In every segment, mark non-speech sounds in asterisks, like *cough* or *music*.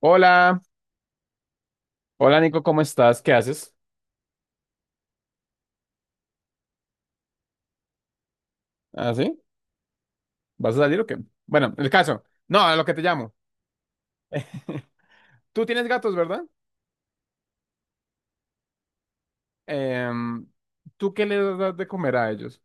Hola, hola Nico, ¿cómo estás? ¿Qué haces? ¿Ah, sí? ¿Vas a salir o qué? Bueno, el caso. No, a lo que te llamo. *laughs* Tú tienes gatos, ¿verdad? Em, ¿Tú qué les das de comer a ellos?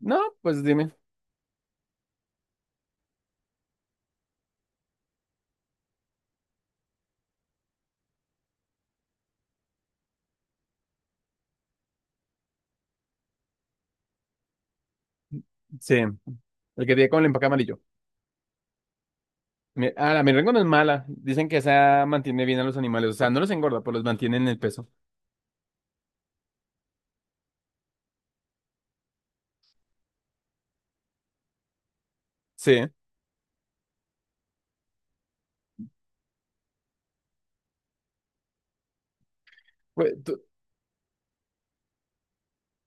No, pues dime. Sí, el que tiene con el empaque amarillo. Ah, la merengue no es mala. Dicen que esa mantiene bien a los animales. O sea, no los engorda, pero los mantiene en el peso. Sí. Pues, tú-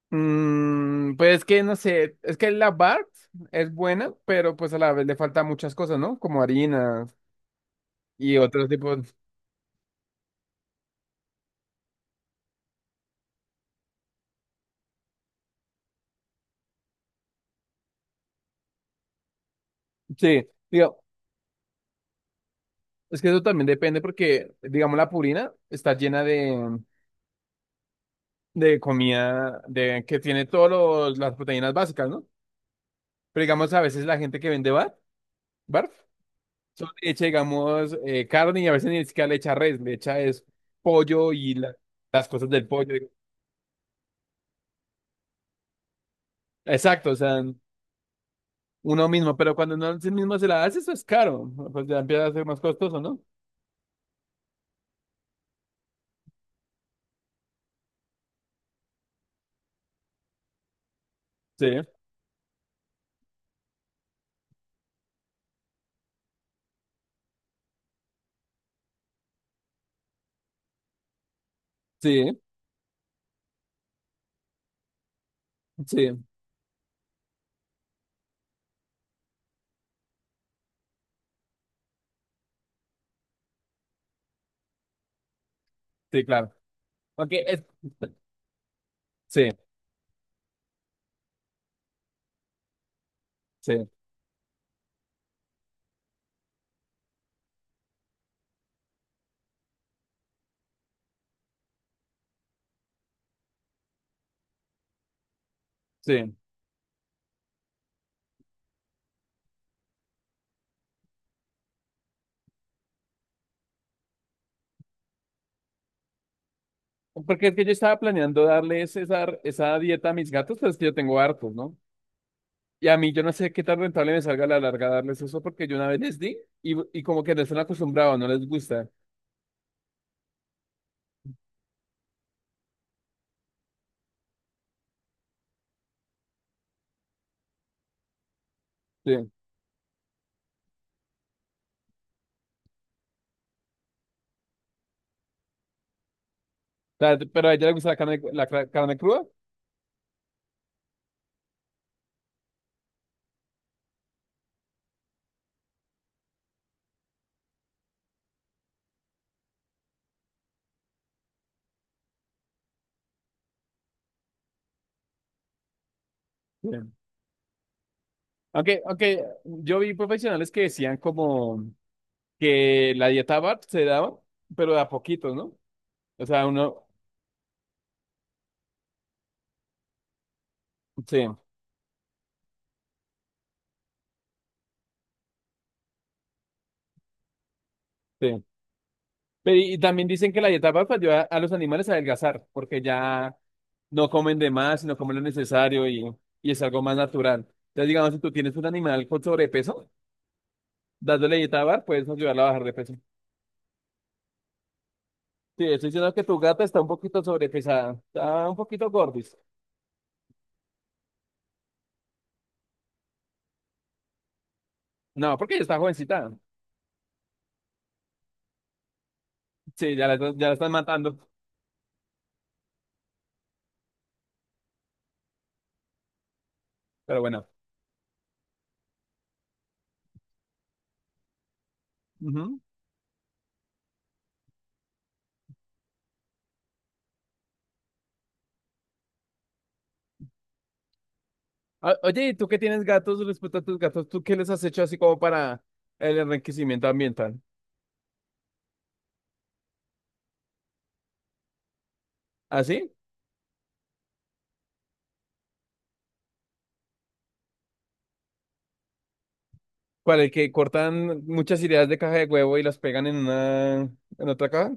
mm, pues es que no sé. Es que la Bart es buena, pero pues a la vez le falta muchas cosas, ¿no? Como harinas y otros tipos. Sí, digo, es que eso también depende porque, digamos, la purina está llena de comida de, que tiene todas las proteínas básicas, ¿no? Pero digamos, a veces la gente que vende barf, solo le echa, digamos, carne y a veces ni siquiera le echa res, le echa es pollo y la- las cosas del pollo. Exacto, o sea, uno mismo, pero cuando uno sí mismo se la hace, eso es caro, pues ya empieza a ser más costoso, ¿no? Sí, sí, sí, sí, claro. Aunque es... Sí, sí. Sí. Porque es que yo estaba planeando darles esa dieta a mis gatos, pero es que yo tengo hartos, ¿no? Y a mí yo no sé qué tan rentable me salga a la larga darles eso, porque yo una vez les di y como que no están acostumbrados, no les gusta. Sí. O sea, pero a ella le gusta la carne, carne cruda. Sí. Aunque yo vi profesionales que decían como que la dieta BART se daba, pero de a poquitos, ¿no? O sea, uno, sí, sí. Pero y también dicen que la dieta baja ayuda a los animales a adelgazar, porque ya no comen de más, sino comen lo necesario y es algo más natural. Entonces, digamos, si tú tienes un animal con sobrepeso, dándole dieta bar, puedes ayudarlo a bajar de peso. Sí, estoy diciendo que tu gata está un poquito sobrepesada, está un poquito gordis. No, porque ella está jovencita. Sí, ya la están matando, pero bueno. Ujú. Oye, ¿y tú que tienes gatos respecto a tus gatos? ¿Tú qué les has hecho así como para el enriquecimiento ambiental? ¿Así? ¿Cuál? El que cortan muchas ideas de caja de huevo y las pegan en una, en otra caja.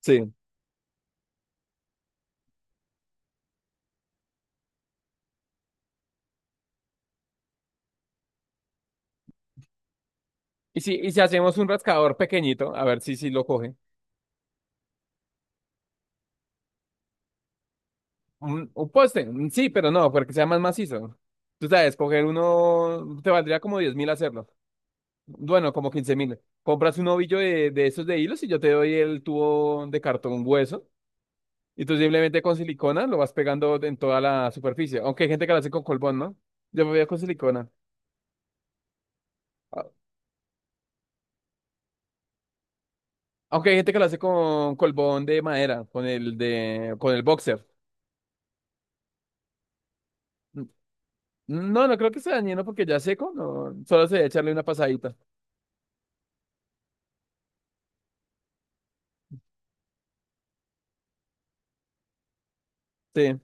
Sí. Y si hacemos un rascador pequeñito, a ver si lo coge. Un poste, mm, sí, pero no, porque sea más macizo. Tú sabes, coger uno te valdría como 10 mil hacerlo. Bueno, como 15 mil. Compras un ovillo de esos de hilos y yo te doy el tubo de cartón hueso. Y tú simplemente con silicona lo vas pegando en toda la superficie. Aunque hay gente que lo hace con colbón, ¿no? Yo me voy con silicona. Aunque hay gente que lo hace con colbón de madera, con el de, con el boxer. No, no creo que sea dañino porque ya seco, no, solo se debe echarle una pasadita. Sí.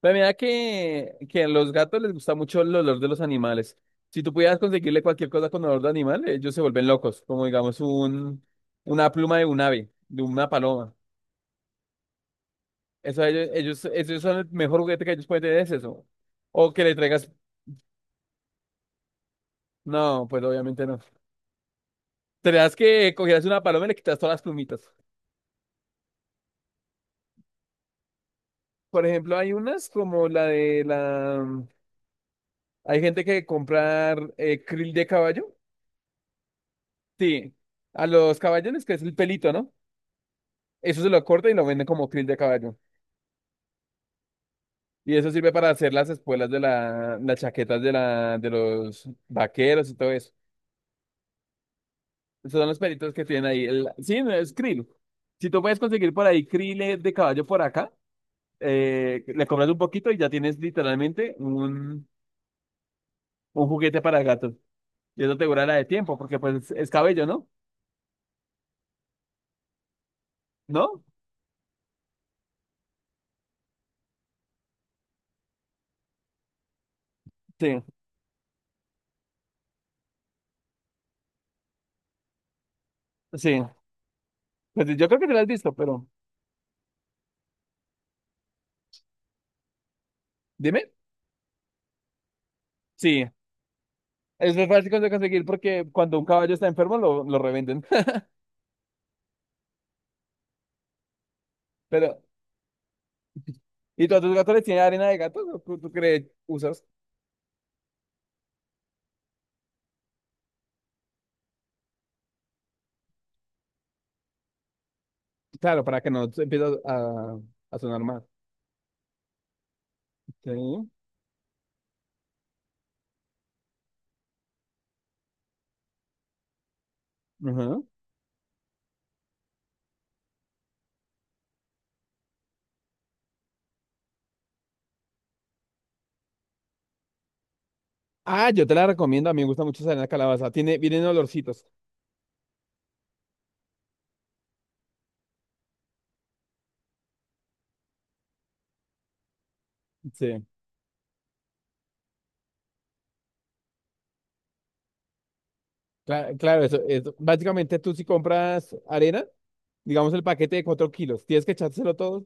Pero mira que a los gatos les gusta mucho el olor de los animales. Si tú pudieras conseguirle cualquier cosa con olor de animal, ellos se vuelven locos, como digamos un, una pluma de un ave, de una paloma. Eso a ellos, ellos, esos son el mejor juguete que ellos pueden tener, es eso. O que le traigas, no, pues obviamente no. Tendrías que cogieras una paloma y le quitas todas las plumitas. Por ejemplo, hay unas como la de la... Hay gente que comprar krill de caballo. Sí, a los caballos les crece el pelito, ¿no? Eso se lo corta y lo venden como krill de caballo. Y eso sirve para hacer las espuelas de la, las chaquetas de la, de los vaqueros y todo eso. Esos son los pelitos que tienen ahí. Sí, no es krill. Si tú puedes conseguir por ahí krill de caballo por acá, le compras un poquito y ya tienes literalmente un juguete para gatos. Y eso te dura la de tiempo, porque pues es cabello, ¿no? ¿No? Sí, sí. Pues yo creo que te lo has visto, pero dime. Sí, es muy fácil de conseguir porque cuando un caballo está enfermo lo revenden. *laughs* Pero, ¿y tú a tus gatos les tienes arena de gato? ¿O ¿Tú, tú crees usas? Claro, para que no se empiece a sonar más. Sí. Ajá. Ah, yo te la recomiendo. A mí me gusta mucho esa arena de calabaza. Tiene, vienen olorcitos. Sí. Claro, eso, eso. Básicamente tú si compras arena, digamos el paquete de 4 kilos, tienes que echárselo todo.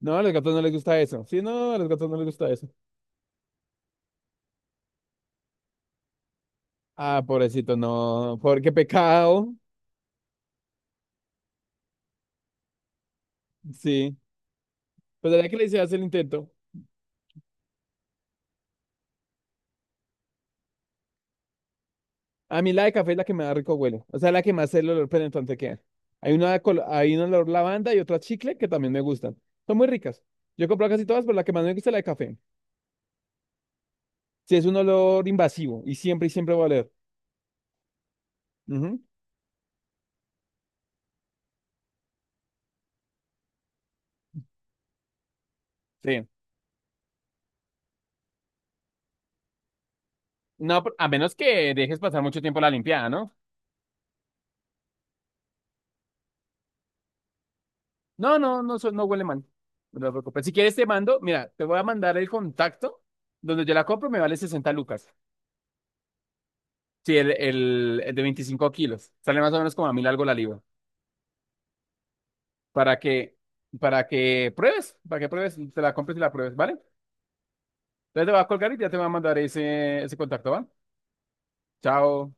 No, a los gatos no les gusta eso. Sí, no, a los gatos no les gusta eso. Ah, pobrecito, no. Por qué pecado. Sí. Pues la que le hice hace el intento. A mí la de café es la que me da rico huele. O sea, la que más el olor penetrante queda. Hay una, hay un olor lavanda y otra chicle que también me gustan. Son muy ricas. Yo he comprado casi todas, pero la que más me gusta es la de café. Sí, es un olor invasivo y siempre va a oler. Ujú. Sí. No, a menos que dejes pasar mucho tiempo la limpiada, ¿no? No, no, no, no huele mal. No te preocupes. Si quieres, te mando, mira, te voy a mandar el contacto donde yo la compro, me vale 60 lucas. Sí, el de 25 kilos. Sale más o menos como a mil algo la libra. Para que, para que pruebes, te la compres y la pruebes, ¿vale? Entonces te va a colgar y ya te va a mandar ese contacto, ¿va? Chao.